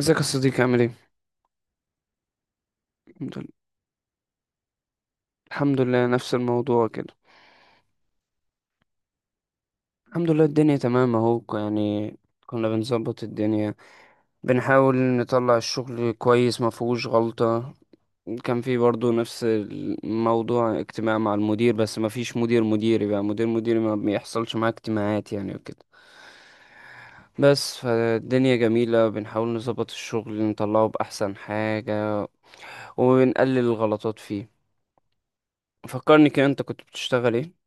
ازيك يا صديقي عامل ايه؟ الحمد لله. الحمد لله، نفس الموضوع كده. الحمد لله الدنيا تمام اهو يعني كنا بنظبط الدنيا. بنحاول نطلع الشغل كويس ما فيهوش غلطة. كان في برضو نفس الموضوع اجتماع مع المدير، بس ما فيش مدير مديري، بقى مدير مديري ما بيحصلش معاه اجتماعات يعني وكده. بس فالدنيا جميلة، بنحاول نظبط الشغل نطلعه بأحسن حاجة، وبنقلل الغلطات فيه. فكرني كده، انت كنت بتشتغل ايه؟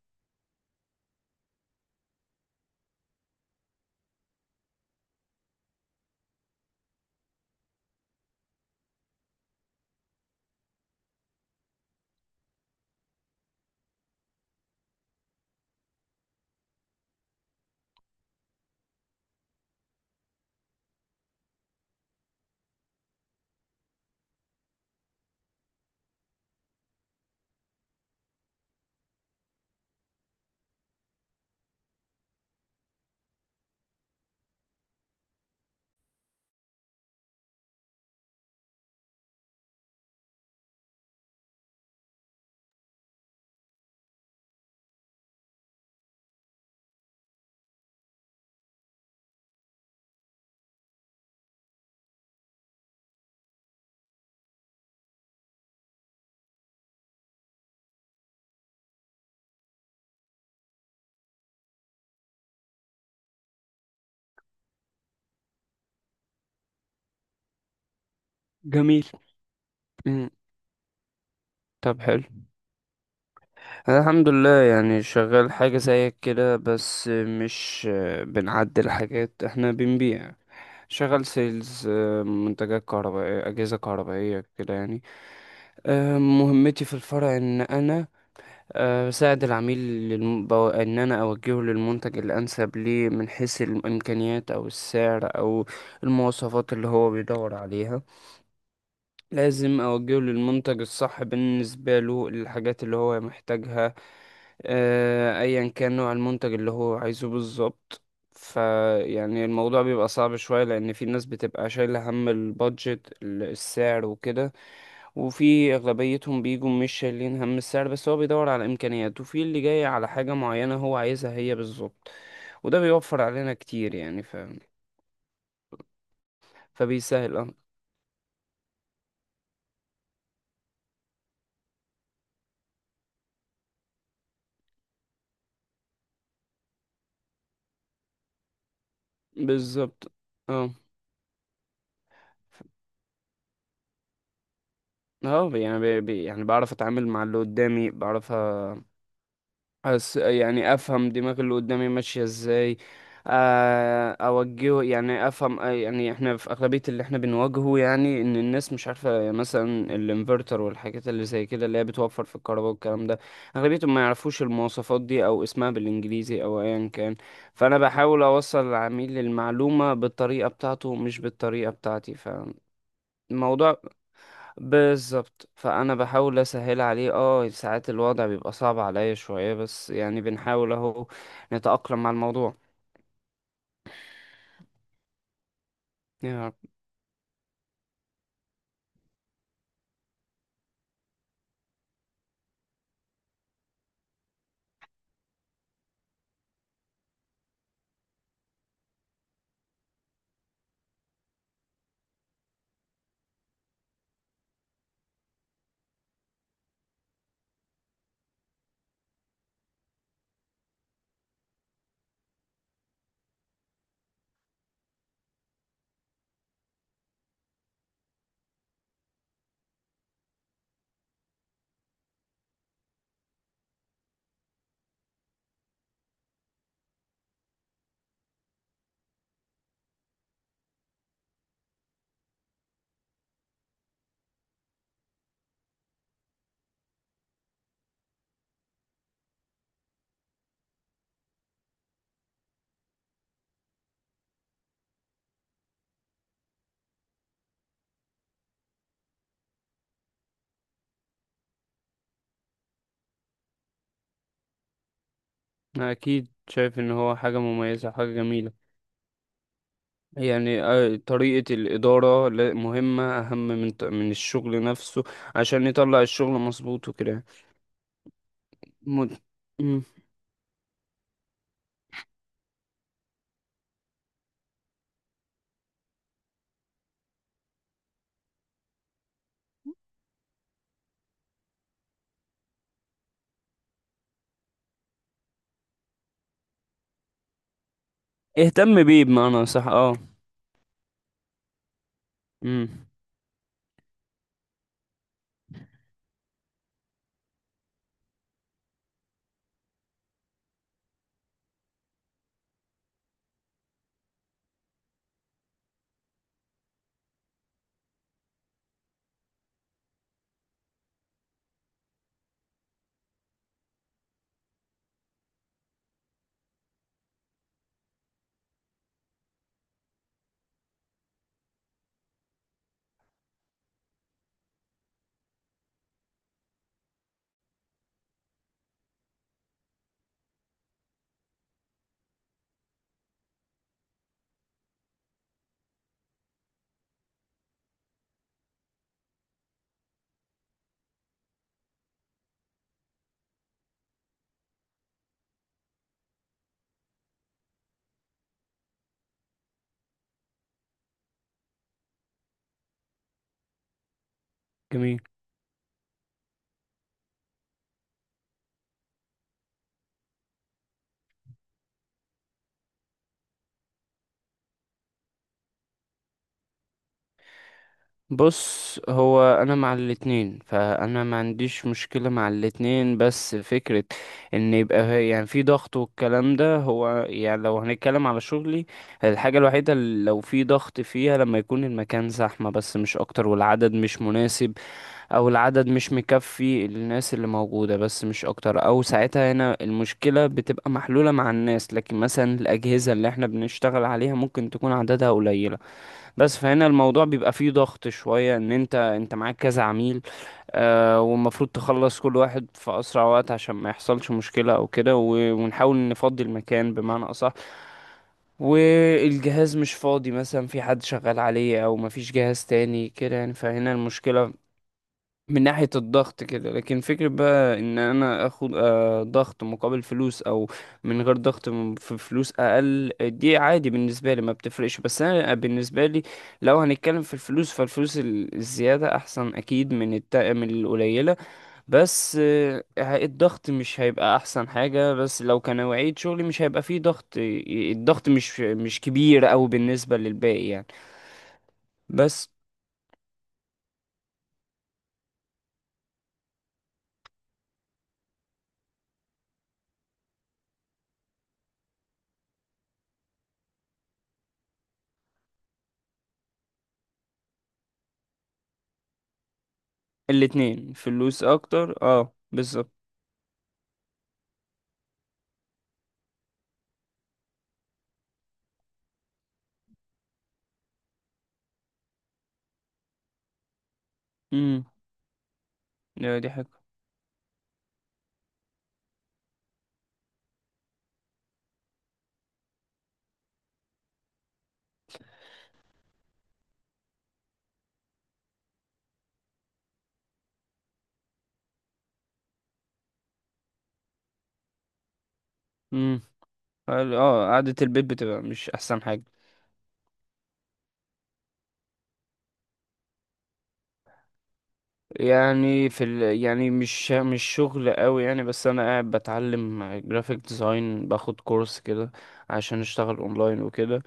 جميل. مم. طب حلو. أنا الحمد لله يعني شغال حاجة زيك كده، بس مش آه، بنعدل حاجات، احنا بنبيع. شغال سيلز، منتجات كهربائية، أجهزة كهربائية كده يعني. مهمتي في الفرع ان انا بساعد العميل. ان انا اوجهه للمنتج الانسب ليه من حيث الامكانيات او السعر او المواصفات اللي هو بيدور عليها. لازم أوجهه للمنتج الصح بالنسبة له للحاجات اللي هو محتاجها. أيا كان نوع المنتج اللي هو عايزه بالظبط. فيعني الموضوع بيبقى صعب شوية، لأن في ناس بتبقى شايلة هم البادجت، السعر وكده. وفي أغلبيتهم بيجوا مش شايلين هم السعر، بس هو بيدور على إمكانيات، وفي اللي جاي على حاجة معينة هو عايزها هي بالظبط. وده بيوفر علينا كتير يعني ف... فبيسهل اه. بالظبط. اه. يعني بعرف اتعامل مع اللي قدامي. أس يعني افهم دماغ اللي قدامي ماشية ازاي. اوجهه يعني افهم آه، يعني احنا في اغلبية اللي احنا بنواجهه يعني ان الناس مش عارفة مثلا الانفرتر والحاجات اللي زي كده اللي هي بتوفر في الكهرباء والكلام ده. اغلبيتهم ما يعرفوش المواصفات دي، او اسمها بالانجليزي او ايا كان. فانا بحاول اوصل للعميل المعلومة بالطريقة بتاعته، مش بالطريقة بتاعتي. فالموضوع بالظبط، فانا بحاول اسهل عليه. اه ساعات الوضع بيبقى صعب عليا شوية، بس يعني بنحاول اهو نتأقلم مع الموضوع يعني. أنا اكيد شايف ان هو حاجة مميزة، حاجة جميلة. يعني آه، طريقة الإدارة مهمة أهم من من الشغل نفسه، عشان يطلع الشغل مظبوط وكده. مد... مم. اهتم بيه بمعنى صح، اه. مم. جميل. بص، هو انا مع الاتنين، فانا ما عنديش مشكلة مع الاتنين، بس فكرة ان يبقى يعني في ضغط والكلام ده، هو يعني لو هنتكلم على شغلي، الحاجة الوحيدة اللي لو في ضغط فيها لما يكون المكان زحمة، بس مش اكتر، والعدد مش مناسب، او العدد مش مكفي الناس اللي موجودة، بس مش اكتر. او ساعتها هنا المشكلة بتبقى محلولة مع الناس، لكن مثلا الاجهزة اللي احنا بنشتغل عليها ممكن تكون عددها قليل. بس فهنا الموضوع بيبقى فيه ضغط شوية، ان انت معاك كذا عميل آه، والمفروض تخلص كل واحد في اسرع وقت عشان ما يحصلش مشكلة او كده، ونحاول نفضي المكان بمعنى اصح، والجهاز مش فاضي مثلا في حد شغال عليه، او مفيش جهاز تاني كده يعني. فهنا المشكلة من ناحية الضغط كده. لكن فكرة بقى ان انا اخد آه، ضغط مقابل فلوس، او من غير ضغط في فلوس اقل، دي عادي بالنسبة لي، ما بتفرقش. بس انا آه، بالنسبة لي لو هنتكلم في الفلوس، فالفلوس الزيادة احسن اكيد من الت... من القليلة. بس آه، الضغط مش هيبقى احسن حاجة، بس لو كنوعية شغلي مش هيبقى فيه ضغط الضغط مش كبير او بالنسبة للباقي يعني. بس الاتنين، فلوس اكتر اه، بالظبط. لا دي حاجة. امم. اه، قعدة البيت بتبقى مش احسن حاجة. يعني في ال... يعني مش شغل قوي يعني، بس انا قاعد بتعلم جرافيك ديزاين، باخد كورس كده عشان اشتغل اونلاين وكده.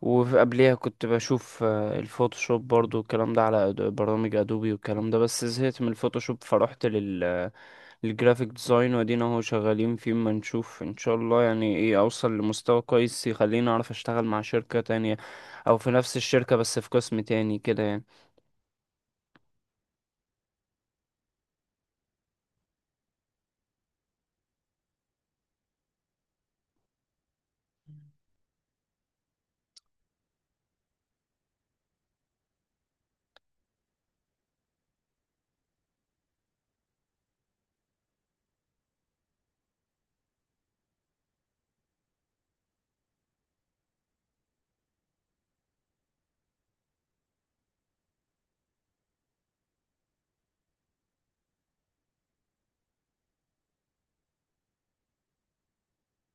وقبليها كنت بشوف آه، الفوتوشوب برضو والكلام ده، على برامج ادوبي والكلام ده، بس زهقت من الفوتوشوب فرحت لل الجرافيك ديزاين، وادينا اهو شغالين فيه، ما نشوف ان شاء الله يعني ايه، اوصل لمستوى كويس يخليني اعرف اشتغل مع شركة تانية، او في نفس الشركة بس في قسم تاني كده يعني.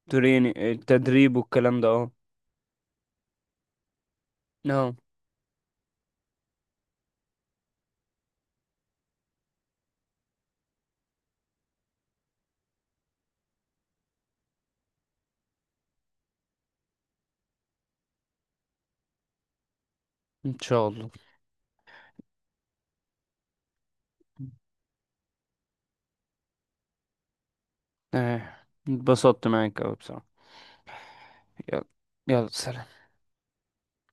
تريني التدريب والكلام ده، اه. اه. ان شاء الله. اه اتبسطت معاك اوي بصراحة. يلا. يلا سلام.